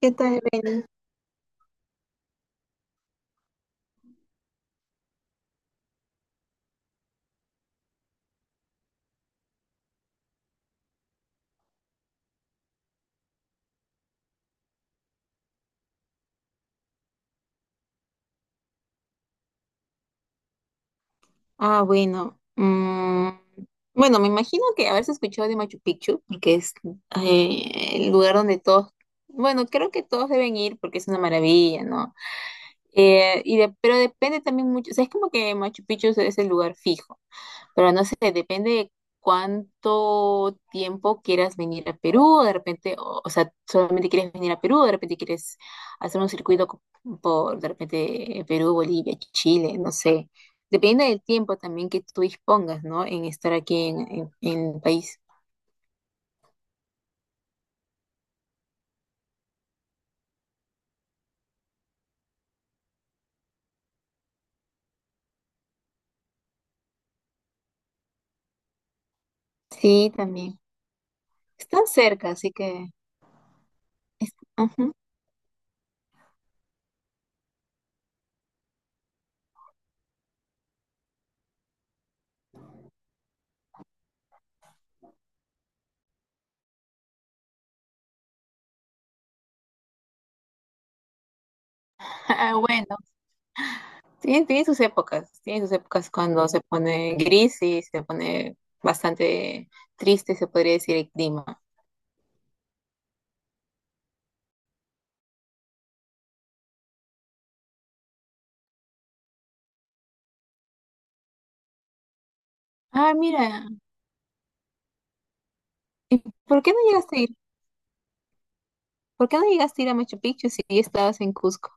¿Qué tal, Beni? Ah, bueno. Bueno, me imagino que haberse escuchado de Machu Picchu, porque es el lugar donde todos, bueno, creo que todos deben ir porque es una maravilla, ¿no? Pero depende también mucho, o sea, es como que Machu Picchu es el lugar fijo, pero no sé, depende de cuánto tiempo quieras venir a Perú, de repente, o sea, solamente quieres venir a Perú, de repente quieres hacer un circuito por, de repente, Perú, Bolivia, Chile, no sé, depende del tiempo también que tú dispongas, ¿no? En estar aquí en el país. Sí, también. Están cerca, así que… ujú. Ah, bueno. Tiene, tiene sus épocas cuando se pone gris y se pone bastante triste, se podría decir, el clima. Ah, mira, ¿y por qué no llegaste a ir? ¿Por qué no llegaste a ir a Machu Picchu si estabas en Cusco?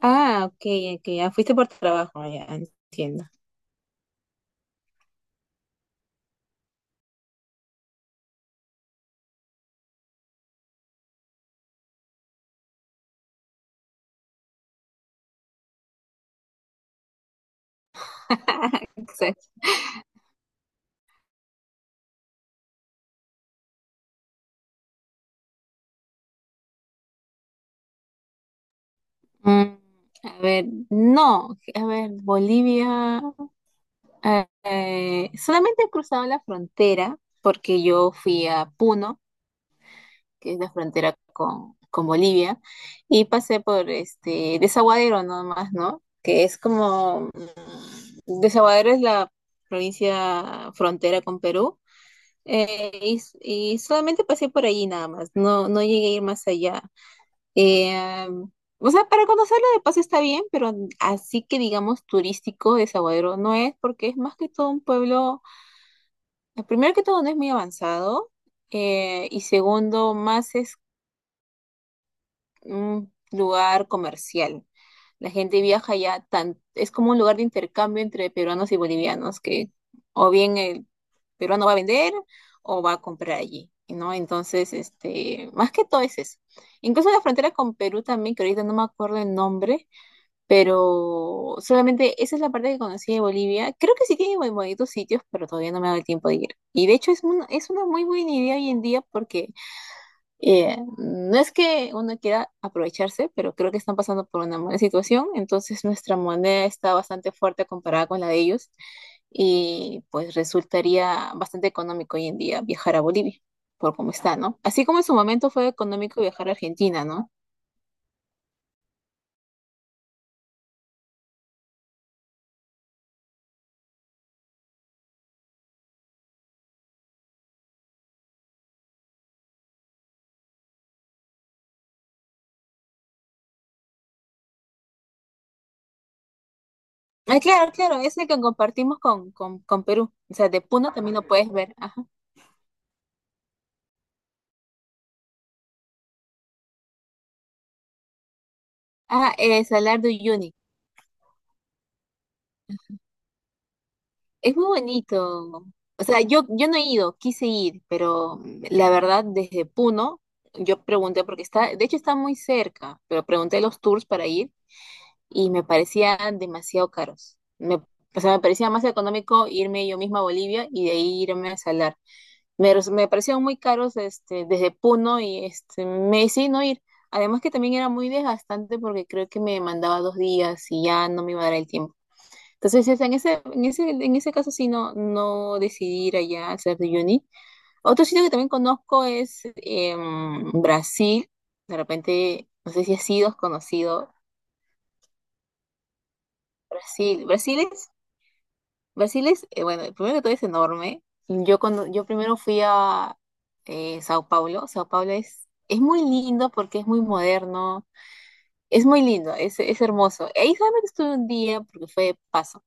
Ah, ok, ok, ya fuiste por trabajo, ah, ya entiendo. Exacto. Mm, a ver, no, a ver, Bolivia, solamente he cruzado la frontera porque yo fui a Puno, que es la frontera con Bolivia, y pasé por este Desaguadero nomás, ¿no? Que es como, Desaguadero es la provincia frontera con Perú, y solamente pasé por allí nada más, no, no llegué a ir más allá. Eh, o sea, para conocerlo de paso está bien, pero así que digamos turístico Desaguadero no es, porque es más que todo un pueblo, primero que todo no es muy avanzado, y segundo, más es un lugar comercial. La gente viaja allá, tan, es como un lugar de intercambio entre peruanos y bolivianos, que o bien el peruano va a vender o va a comprar allí, ¿no? Entonces, este, más que todo es eso. Incluso la frontera con Perú también, que ahorita no me acuerdo el nombre, pero solamente esa es la parte que conocí de Bolivia. Creo que sí tiene muy bonitos sitios, pero todavía no me ha dado el tiempo de ir. Y de hecho es, es una muy buena idea hoy en día porque no es que uno quiera aprovecharse, pero creo que están pasando por una mala situación, entonces nuestra moneda está bastante fuerte comparada con la de ellos y pues resultaría bastante económico hoy en día viajar a Bolivia, por cómo está, ¿no? Así como en su momento fue económico viajar a Argentina, ¿no? Ah, claro, claro, es el que compartimos con Perú, o sea, de Puno también lo puedes ver, ajá. Ah, el Salar de Uyuni. Es muy bonito. O sea, yo no he ido, quise ir, pero la verdad, desde Puno, yo pregunté porque está, de hecho está muy cerca, pero pregunté los tours para ir y me parecían demasiado caros. Me, o sea, me parecía más económico irme yo misma a Bolivia y de ahí irme a Salar. Me, me parecieron muy caros este, desde Puno y este, me decidí no ir. Además que también era muy desgastante porque creo que me mandaba dos días y ya no me iba a dar el tiempo. Entonces, en ese, en ese, en ese caso sí no, no decidí ir allá al Cerro de Uyuni. Otro sitio que también conozco es Brasil. De repente, no sé si has sido conocido Brasil. Brasil es, bueno, primero que todo es enorme. Yo cuando, yo primero fui a Sao Paulo. Sao Paulo es muy lindo porque es muy moderno. Es muy lindo, es hermoso. Ahí solamente estuve un día porque fue de paso.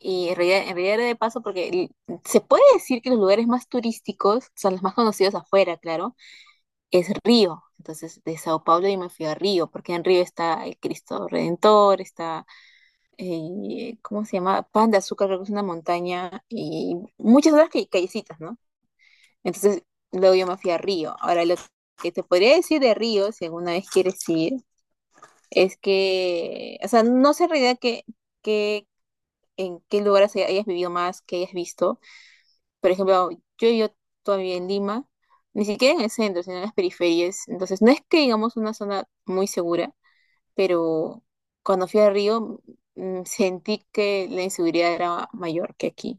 Y en realidad era de paso porque se puede decir que los lugares más turísticos, son los más conocidos afuera, claro, es Río. Entonces, de Sao Paulo yo me fui a Río, porque en Río está el Cristo Redentor, está, ¿cómo se llama? Pan de Azúcar, creo que es una montaña, y muchas otras callecitas, ¿no? Entonces, luego yo me fui a Río. Ahora, lo que te podría decir de Río, si alguna vez quieres ir, es que, o sea, no sé en realidad que, en qué lugares hayas vivido más, que hayas visto. Por ejemplo, yo vivo todavía en Lima, ni siquiera en el centro, sino en las periferias. Entonces, no es que digamos una zona muy segura, pero cuando fui a Río sentí que la inseguridad era mayor que aquí.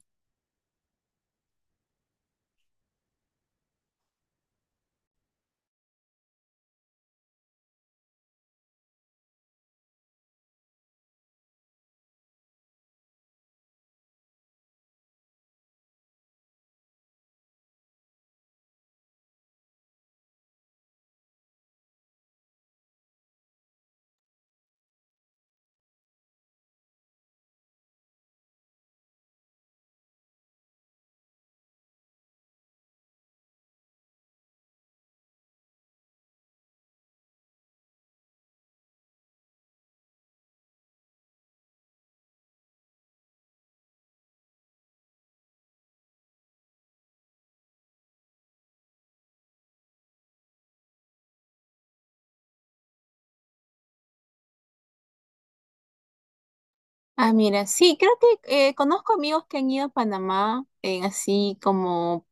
Ah, mira, sí, creo que conozco amigos que han ido a Panamá en así como,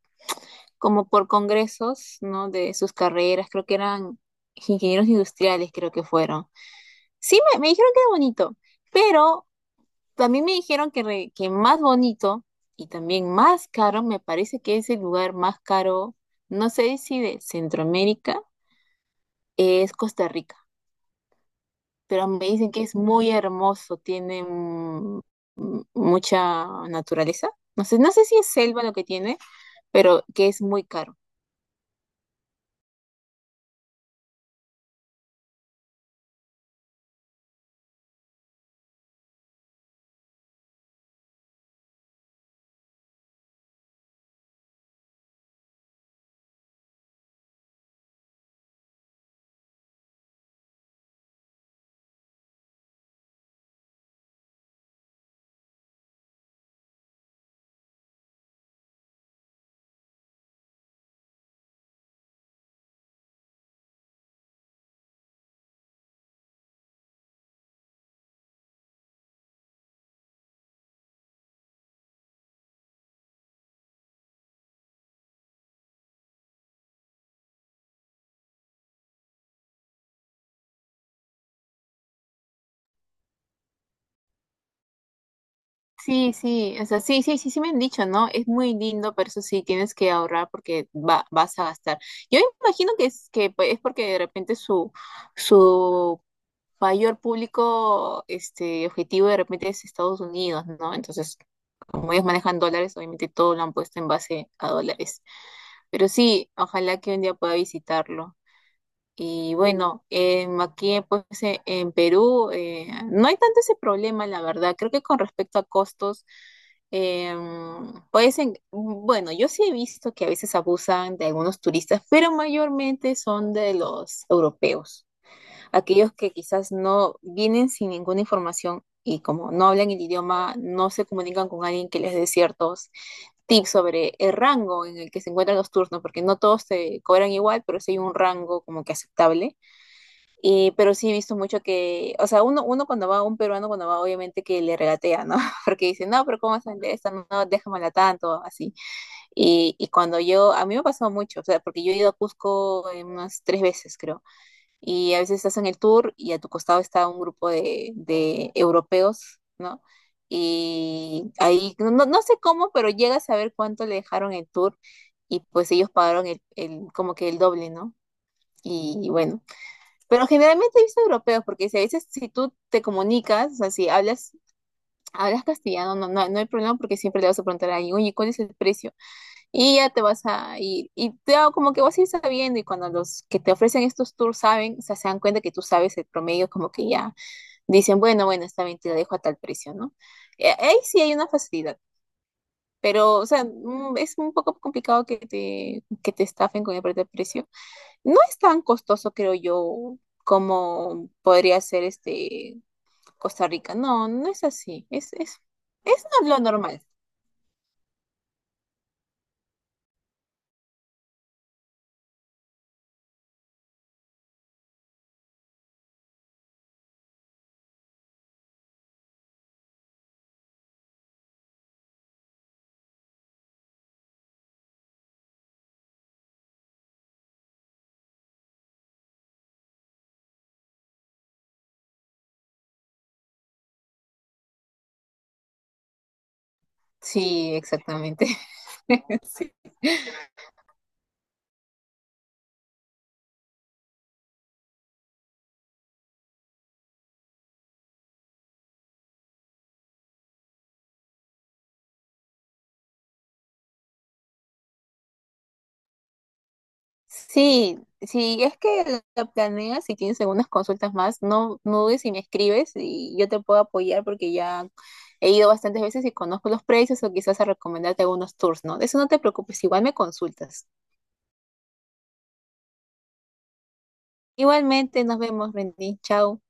como por congresos, ¿no? De sus carreras, creo que eran ingenieros industriales, creo que fueron. Sí, me dijeron que era bonito, pero también me dijeron que, que más bonito y también más caro, me parece que es el lugar más caro, no sé si de Centroamérica, es Costa Rica, pero me dicen que es muy hermoso, tiene mucha naturaleza. No sé, no sé si es selva lo que tiene, pero que es muy caro. Sí, sí, o sea, sí, sí, sí, sí me han dicho, ¿no? Es muy lindo, pero eso sí, tienes que ahorrar porque va, vas a gastar. Yo imagino que es, que pues, es porque de repente su, su mayor público este, objetivo de repente es Estados Unidos, ¿no? Entonces, como ellos manejan dólares, obviamente todo lo han puesto en base a dólares. Pero sí, ojalá que un día pueda visitarlo. Y bueno, aquí pues en Perú no hay tanto ese problema, la verdad. Creo que con respecto a costos, pues bueno, yo sí he visto que a veces abusan de algunos turistas, pero mayormente son de los europeos aquellos que quizás no vienen sin ninguna información y como no hablan el idioma, no se comunican con alguien que les dé ciertos tips sobre el rango en el que se encuentran los turnos, porque no todos se cobran igual, pero sí hay un rango como que aceptable. Y, pero sí he visto mucho que, o sea, uno, uno cuando va, un peruano cuando va, obviamente que le regatea, ¿no? Porque dice, no, pero ¿cómo vas a vender esta? No, no, déjamela tanto, así. Y cuando yo, a mí me ha pasado mucho, o sea, porque yo he ido a Cusco unas tres veces, creo, y a veces estás en el tour y a tu costado está un grupo de europeos, ¿no? Y ahí, no, no no sé cómo, pero llegas a ver cuánto le dejaron el tour y pues ellos pagaron como que el doble, ¿no? Y bueno, pero generalmente he visto europeos porque si a veces si tú te comunicas, o sea, si hablas, hablas castellano, no, no, no hay problema porque siempre le vas a preguntar a alguien, oye, ¿cuál es el precio? Y ya te vas a ir. Y te hago como que vas a ir sabiendo. Y cuando los que te ofrecen estos tours saben, o sea, se dan cuenta que tú sabes el promedio, como que ya dicen, bueno, bueno, está bien, te la dejo a tal precio, ¿no? Ahí sí hay una facilidad. Pero, o sea, es un poco complicado que te estafen con el precio. No es tan costoso, creo yo, como podría ser este Costa Rica. No, no es así. Es lo normal. Sí, exactamente. Sí. Sí, si es que la planeas y tienes algunas consultas más, no, no dudes y me escribes y yo te puedo apoyar porque ya he ido bastantes veces y conozco los precios o quizás a recomendarte algunos tours, ¿no? De eso no te preocupes, igual me consultas. Igualmente, nos vemos, Rendy. Chao.